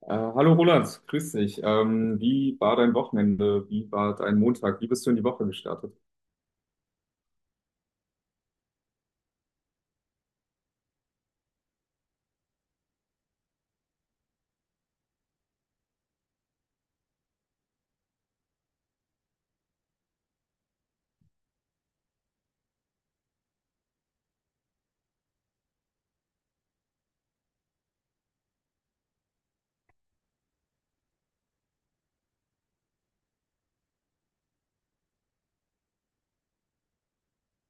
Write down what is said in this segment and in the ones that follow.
Hallo Roland, grüß dich. Wie war dein Wochenende? Wie war dein Montag? Wie bist du in die Woche gestartet?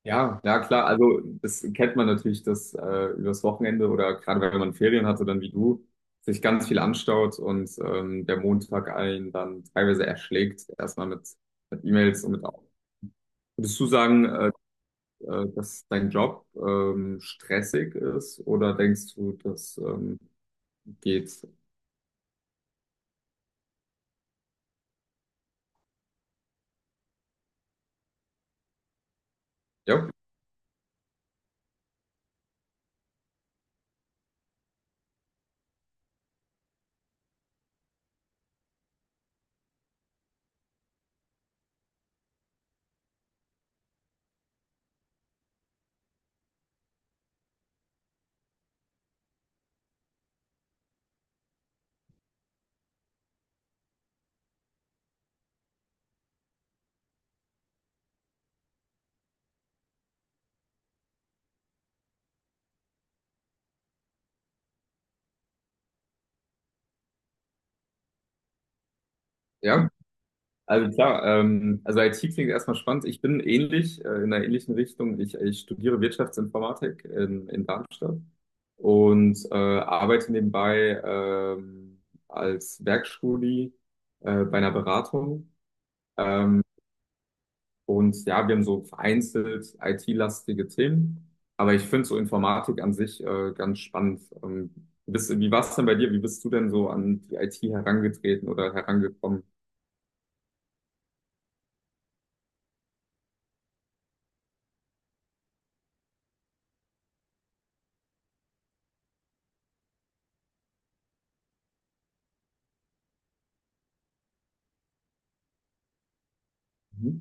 Ja, ja, klar, also das kennt man natürlich, dass übers Wochenende oder gerade wenn man Ferien hatte, dann wie du, sich ganz viel anstaut und der Montag einen dann teilweise erschlägt, erstmal mit E-Mails und würdest du sagen, dass dein Job stressig ist oder denkst du, das geht? Ja, ja. Also klar, also IT klingt erstmal spannend. Ich bin ähnlich, in einer ähnlichen Richtung. Ich studiere Wirtschaftsinformatik in Darmstadt und arbeite nebenbei als Werkstudie bei einer Beratung. Ähm, und ja, wir haben so vereinzelt IT-lastige Themen, aber ich finde so Informatik an sich ganz spannend. Wie war es denn bei dir? Wie bist du denn so an die IT herangetreten oder herangekommen? Mhm.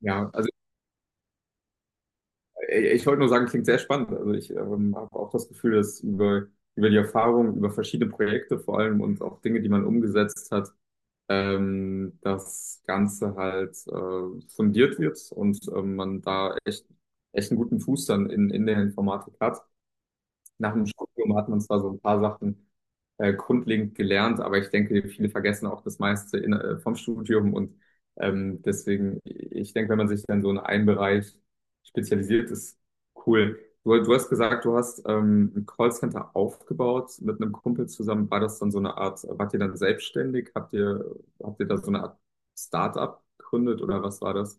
Ja, also ich wollte nur sagen, klingt sehr spannend. Also ich habe auch das Gefühl, dass über die Erfahrung, über verschiedene Projekte vor allem und auch Dinge, die man umgesetzt hat, das Ganze halt fundiert wird und man da echt einen guten Fuß dann in der Informatik hat. Nach dem Studium hat man zwar so ein paar Sachen grundlegend gelernt, aber ich denke, viele vergessen auch das meiste vom Studium und deswegen, ich denke, wenn man sich dann so in einen Bereich spezialisiert, ist cool. Du hast gesagt, du hast ein Callcenter aufgebaut mit einem Kumpel zusammen. War das dann so eine Art, wart ihr dann selbstständig? Habt ihr da so eine Art Startup gegründet oder was war das?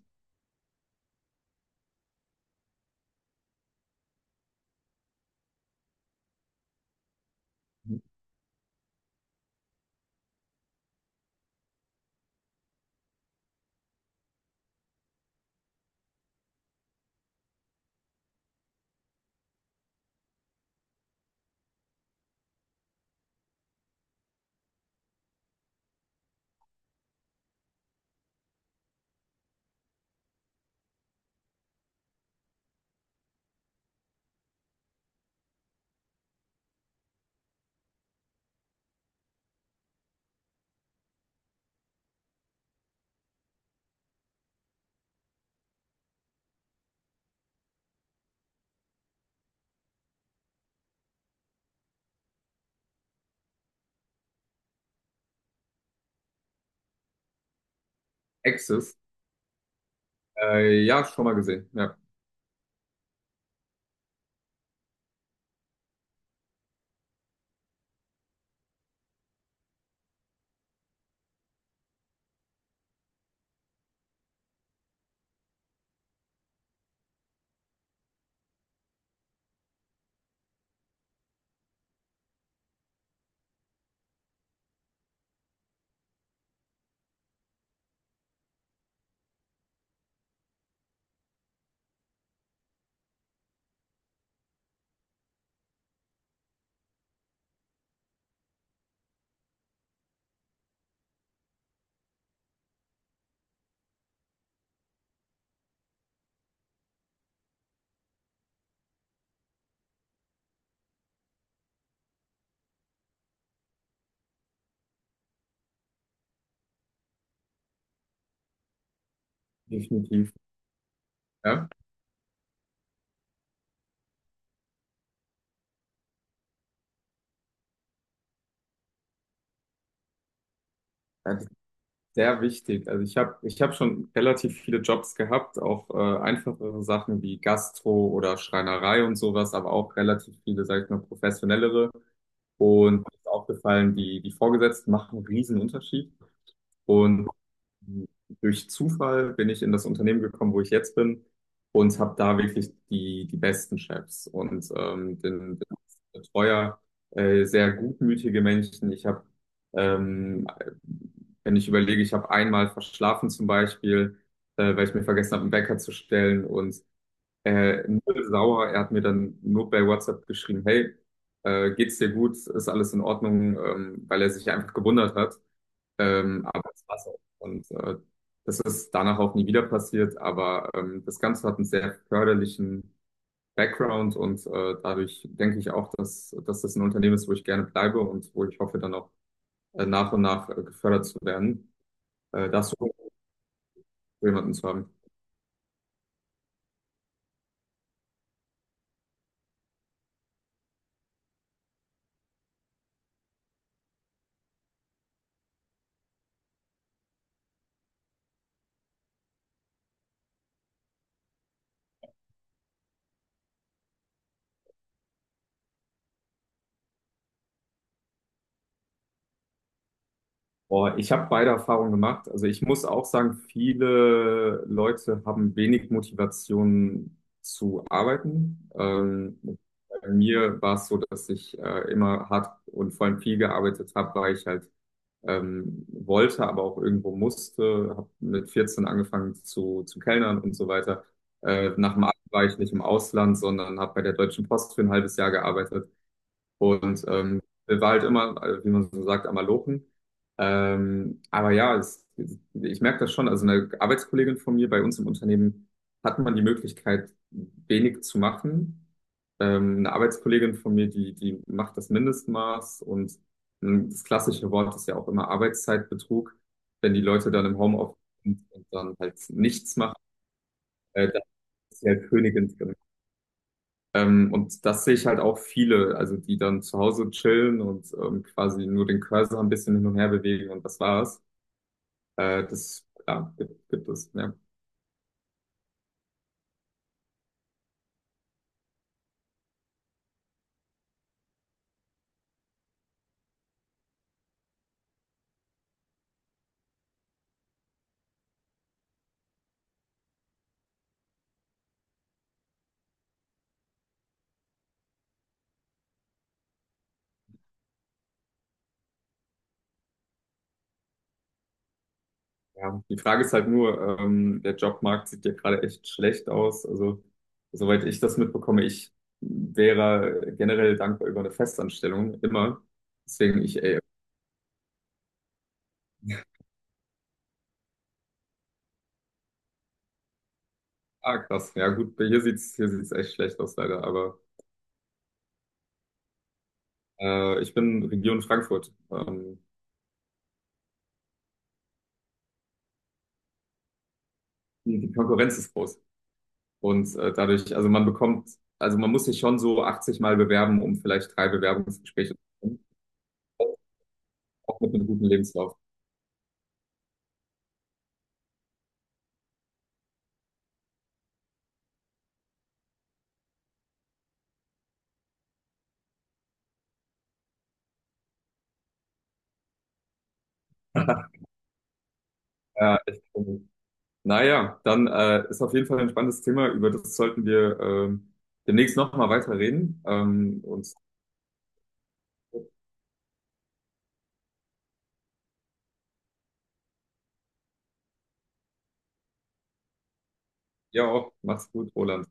Axis? Ja, schon mal gesehen. Ja, definitiv. Ja. Ja, sehr wichtig. Also ich hab schon relativ viele Jobs gehabt, auch einfachere Sachen wie Gastro oder Schreinerei und sowas, aber auch relativ viele, sag ich mal, professionellere. Und mir ist aufgefallen, die Vorgesetzten machen einen riesen Unterschied. Und durch Zufall bin ich in das Unternehmen gekommen, wo ich jetzt bin und habe da wirklich die besten Chefs und den Betreuer, sehr gutmütige Menschen. Ähm, Wenn ich überlege, ich habe einmal verschlafen zum Beispiel, weil ich mir vergessen habe, einen Wecker zu stellen und null sauer. Er hat mir dann nur bei WhatsApp geschrieben: Hey, geht's dir gut? Ist alles in Ordnung? Weil er sich einfach gewundert hat. Aber es war's auch. Und das ist danach auch nie wieder passiert. Aber das Ganze hat einen sehr förderlichen Background und dadurch denke ich auch, dass das ein Unternehmen ist, wo ich gerne bleibe und wo ich hoffe, dann auch nach und nach gefördert zu werden. Das, so jemanden zu haben. Oh, ich habe beide Erfahrungen gemacht. Also ich muss auch sagen, viele Leute haben wenig Motivation zu arbeiten. Bei mir war es so, dass ich immer hart und vor allem viel gearbeitet habe, weil ich halt wollte, aber auch irgendwo musste. Habe mit 14 angefangen zu kellnern und so weiter. Nach dem Abi war ich nicht im Ausland, sondern habe bei der Deutschen Post für ein halbes Jahr gearbeitet. Und war halt immer, wie man so sagt, am Malochen. Aber ich merke das schon. Also eine Arbeitskollegin von mir bei uns im Unternehmen hat man die Möglichkeit, wenig zu machen. Eine Arbeitskollegin von mir, die macht das Mindestmaß und das klassische Wort ist ja auch immer Arbeitszeitbetrug. Wenn die Leute dann im Homeoffice sind und dann halt nichts machen, dann ist sie halt Königin. Und das sehe ich halt auch viele, also die dann zu Hause chillen und quasi nur den Cursor ein bisschen hin und her bewegen und das war's. Gibt es, ja. Ja. Die Frage ist halt nur, der Jobmarkt sieht ja gerade echt schlecht aus. Also, soweit ich das mitbekomme, ich wäre generell dankbar über eine Festanstellung, immer. Deswegen ich, ey, ah, krass. Ja, gut, hier sieht's echt schlecht aus, leider. Aber ich bin Region Frankfurt. Die die Konkurrenz ist groß. Und dadurch, also also man muss sich schon so 80 Mal bewerben, um vielleicht drei Bewerbungsgespräche zu bekommen, auch mit einem guten Lebenslauf. Ja, echt cool. Naja, dann ist auf jeden Fall ein spannendes Thema, über das sollten wir demnächst nochmal weiter reden. Und ja, auch, mach's gut, Roland.